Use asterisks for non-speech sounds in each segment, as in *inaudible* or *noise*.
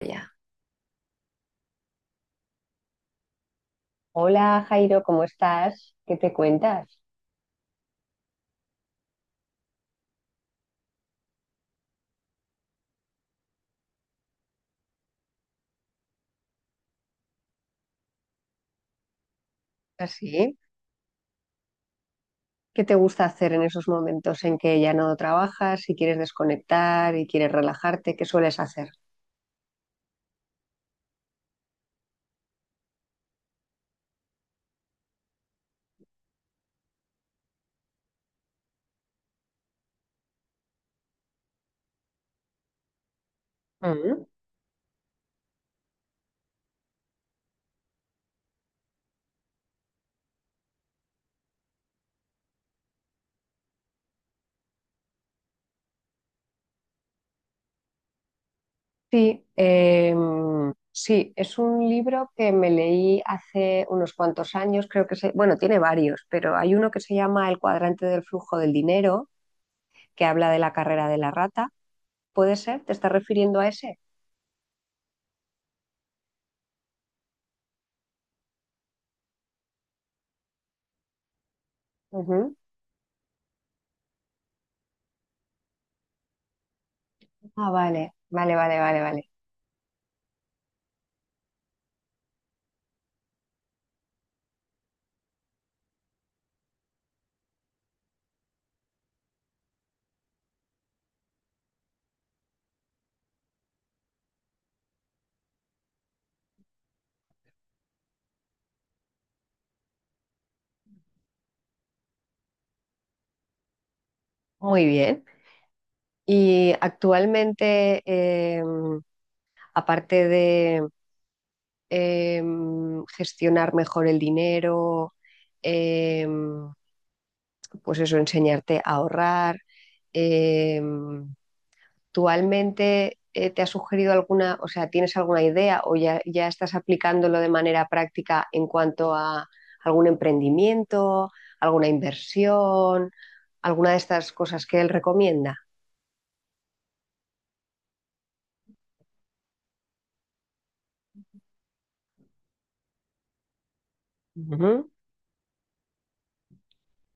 Ya. Hola Jairo, ¿cómo estás? ¿Qué te cuentas? Así. ¿Qué te gusta hacer en esos momentos en que ya no trabajas y quieres desconectar y quieres relajarte? ¿Qué sueles hacer? Mm. Sí, sí, es un libro que me leí hace unos cuantos años, creo que bueno, tiene varios, pero hay uno que se llama El cuadrante del flujo del dinero, que habla de la carrera de la rata. ¿Puede ser? ¿Te estás refiriendo a ese? Ujú. Ah, vale, vale, vale, vale, vale. Muy bien. Y actualmente, aparte de gestionar mejor el dinero, em, pues eso, enseñarte a ahorrar, em, ¿actualmente te ha sugerido alguna, o sea, tienes alguna idea o ya estás aplicándolo de manera práctica en cuanto a algún emprendimiento, alguna inversión, alguna de estas cosas que él recomienda? Ujú.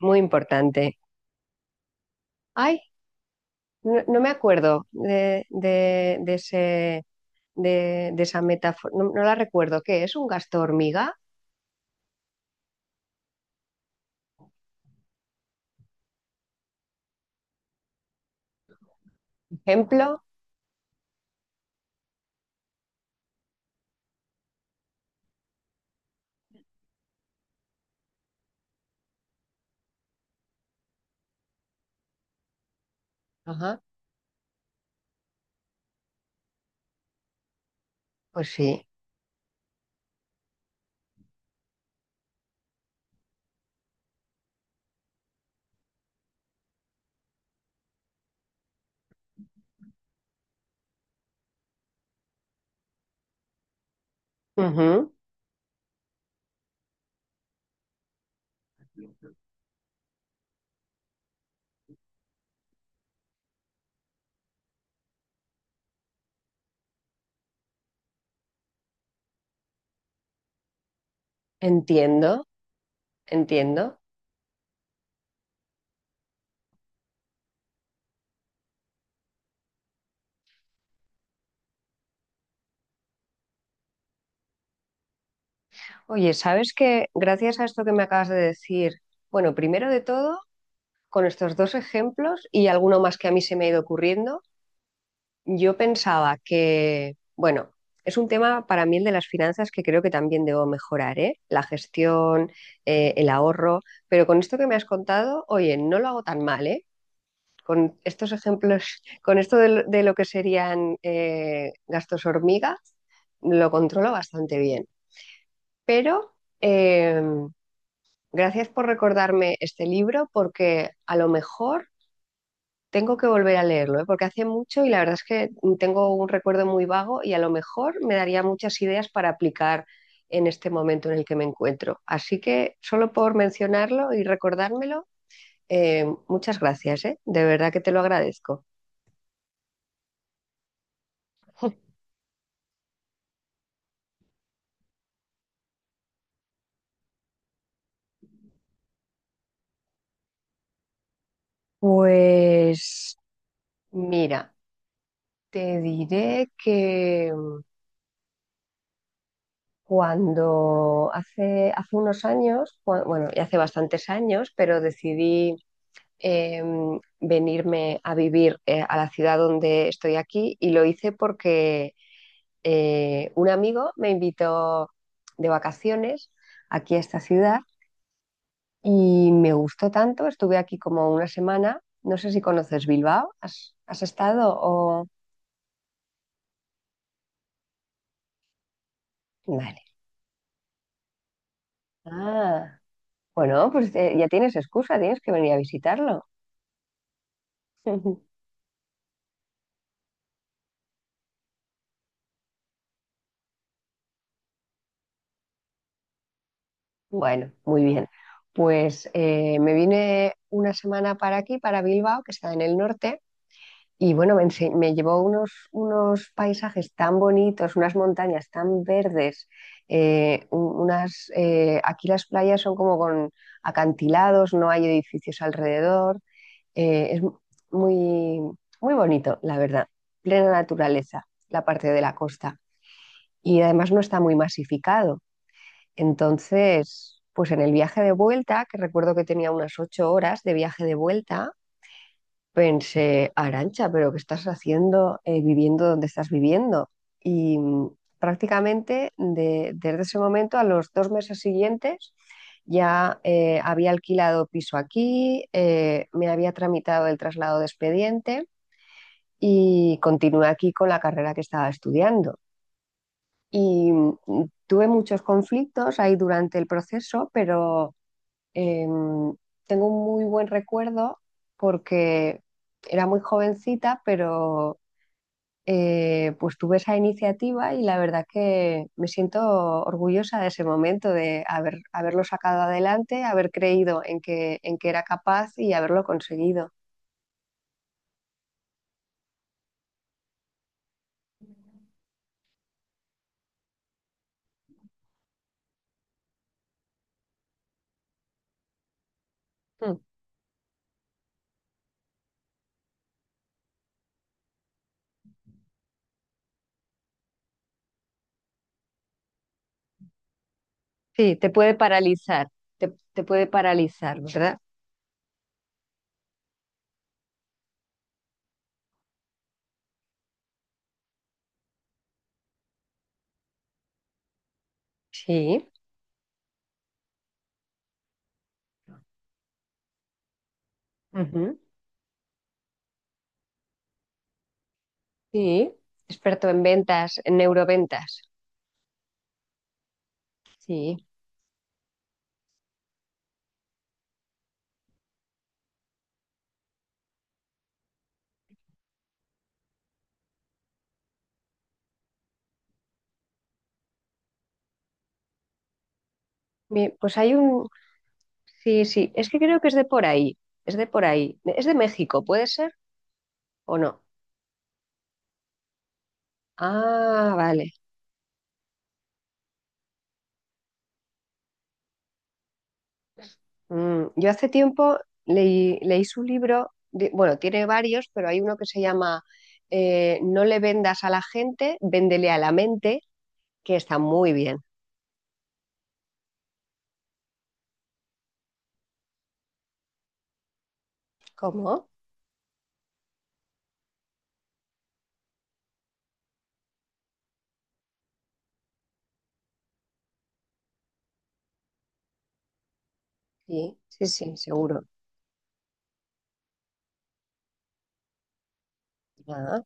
Muy importante. Ay, no, no me acuerdo de ese, de esa metáfora, no la recuerdo. ¿Qué es? ¿Un gasto hormiga? ¿Ejemplo? Ajá, pues sí. Ujú. Entiendo, entiendo. Oye, ¿sabes que gracias a esto que me acabas de decir, bueno, primero de todo, con estos dos ejemplos y alguno más que a mí se me ha ido ocurriendo, yo pensaba que, bueno, es un tema para mí el de las finanzas que creo que también debo mejorar, ¿eh? La gestión, el ahorro, pero con esto que me has contado, oye, no lo hago tan mal, ¿eh? Con estos ejemplos, *laughs* con esto de lo que serían gastos hormiga, lo controlo bastante bien. Pero eh, gracias por recordarme este libro porque a lo mejor tengo que volver a leerlo, ¿eh? Porque hace mucho y la verdad es que tengo un recuerdo muy vago y a lo mejor me daría muchas ideas para aplicar en este momento en el que me encuentro. Así que solo por mencionarlo y recordármelo, muchas gracias, ¿eh? De verdad que te lo agradezco. Pues mira, te diré que cuando hace unos años, bueno, ya hace bastantes años, pero decidí eh, venirme a vivir a la ciudad donde estoy aquí y lo hice porque un amigo me invitó de vacaciones aquí a esta ciudad y me gustó tanto, estuve aquí como una semana, no sé si conoces Bilbao, has estado o...? Vale. Ah, bueno, pues ya tienes excusa, tienes que venir a visitarlo. *laughs* Bueno, muy bien. Pues me vine una semana para aquí, para Bilbao, que está en el norte. Y bueno, me llevó unos paisajes tan bonitos, unas montañas tan verdes, unas, aquí las playas son como con acantilados, no hay edificios alrededor, eh, es mu- muy, muy bonito, la verdad, plena naturaleza, la parte de la costa. Y además no está muy masificado. Entonces, pues en el viaje de vuelta, que recuerdo que tenía unas ocho horas de viaje de vuelta, pensé, Arancha, pero ¿qué estás haciendo viviendo donde estás viviendo? Y prácticamente desde ese momento a los dos meses siguientes ya había alquilado piso aquí, me había tramitado el traslado de expediente y continué aquí con la carrera que estaba estudiando. Y tuve muchos conflictos ahí durante el proceso, pero eh, tengo un muy buen recuerdo porque era muy jovencita, pero pues tuve esa iniciativa y la verdad que me siento orgullosa de ese momento, de haberlo sacado adelante, haber creído en en que era capaz y haberlo conseguido. Mm. Sí, te puede paralizar, te puede paralizar, ¿verdad? Sí, ujú. Sí, experto en ventas, en neuroventas. Sí. Bien, pues hay un, Sí, sí, es que creo que es de por ahí, es de por ahí. ¿Es de México, puede ser o no? Ah, vale. Mm, yo hace tiempo leí su libro, bueno, tiene varios, pero hay uno que se llama No le vendas a la gente, véndele a la mente, que está muy bien. ¿Cómo? Sí, sí, sí, seguro. Ah,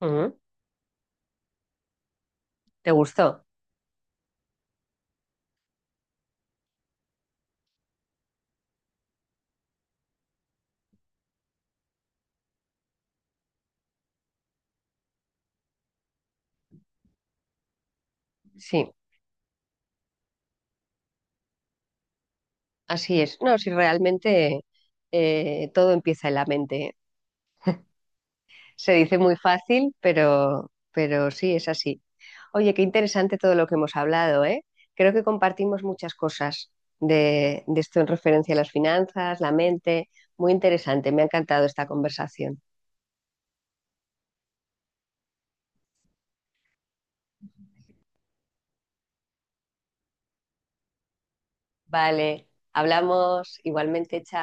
ujú. ¿Te gustó? Sí, así es. No, si realmente todo empieza en la mente. Se dice muy fácil, pero sí, es así. Oye, qué interesante todo lo que hemos hablado, ¿eh? Creo que compartimos muchas cosas de esto en referencia a las finanzas, la mente. Muy interesante, me ha encantado esta conversación. Vale, hablamos igualmente, chao.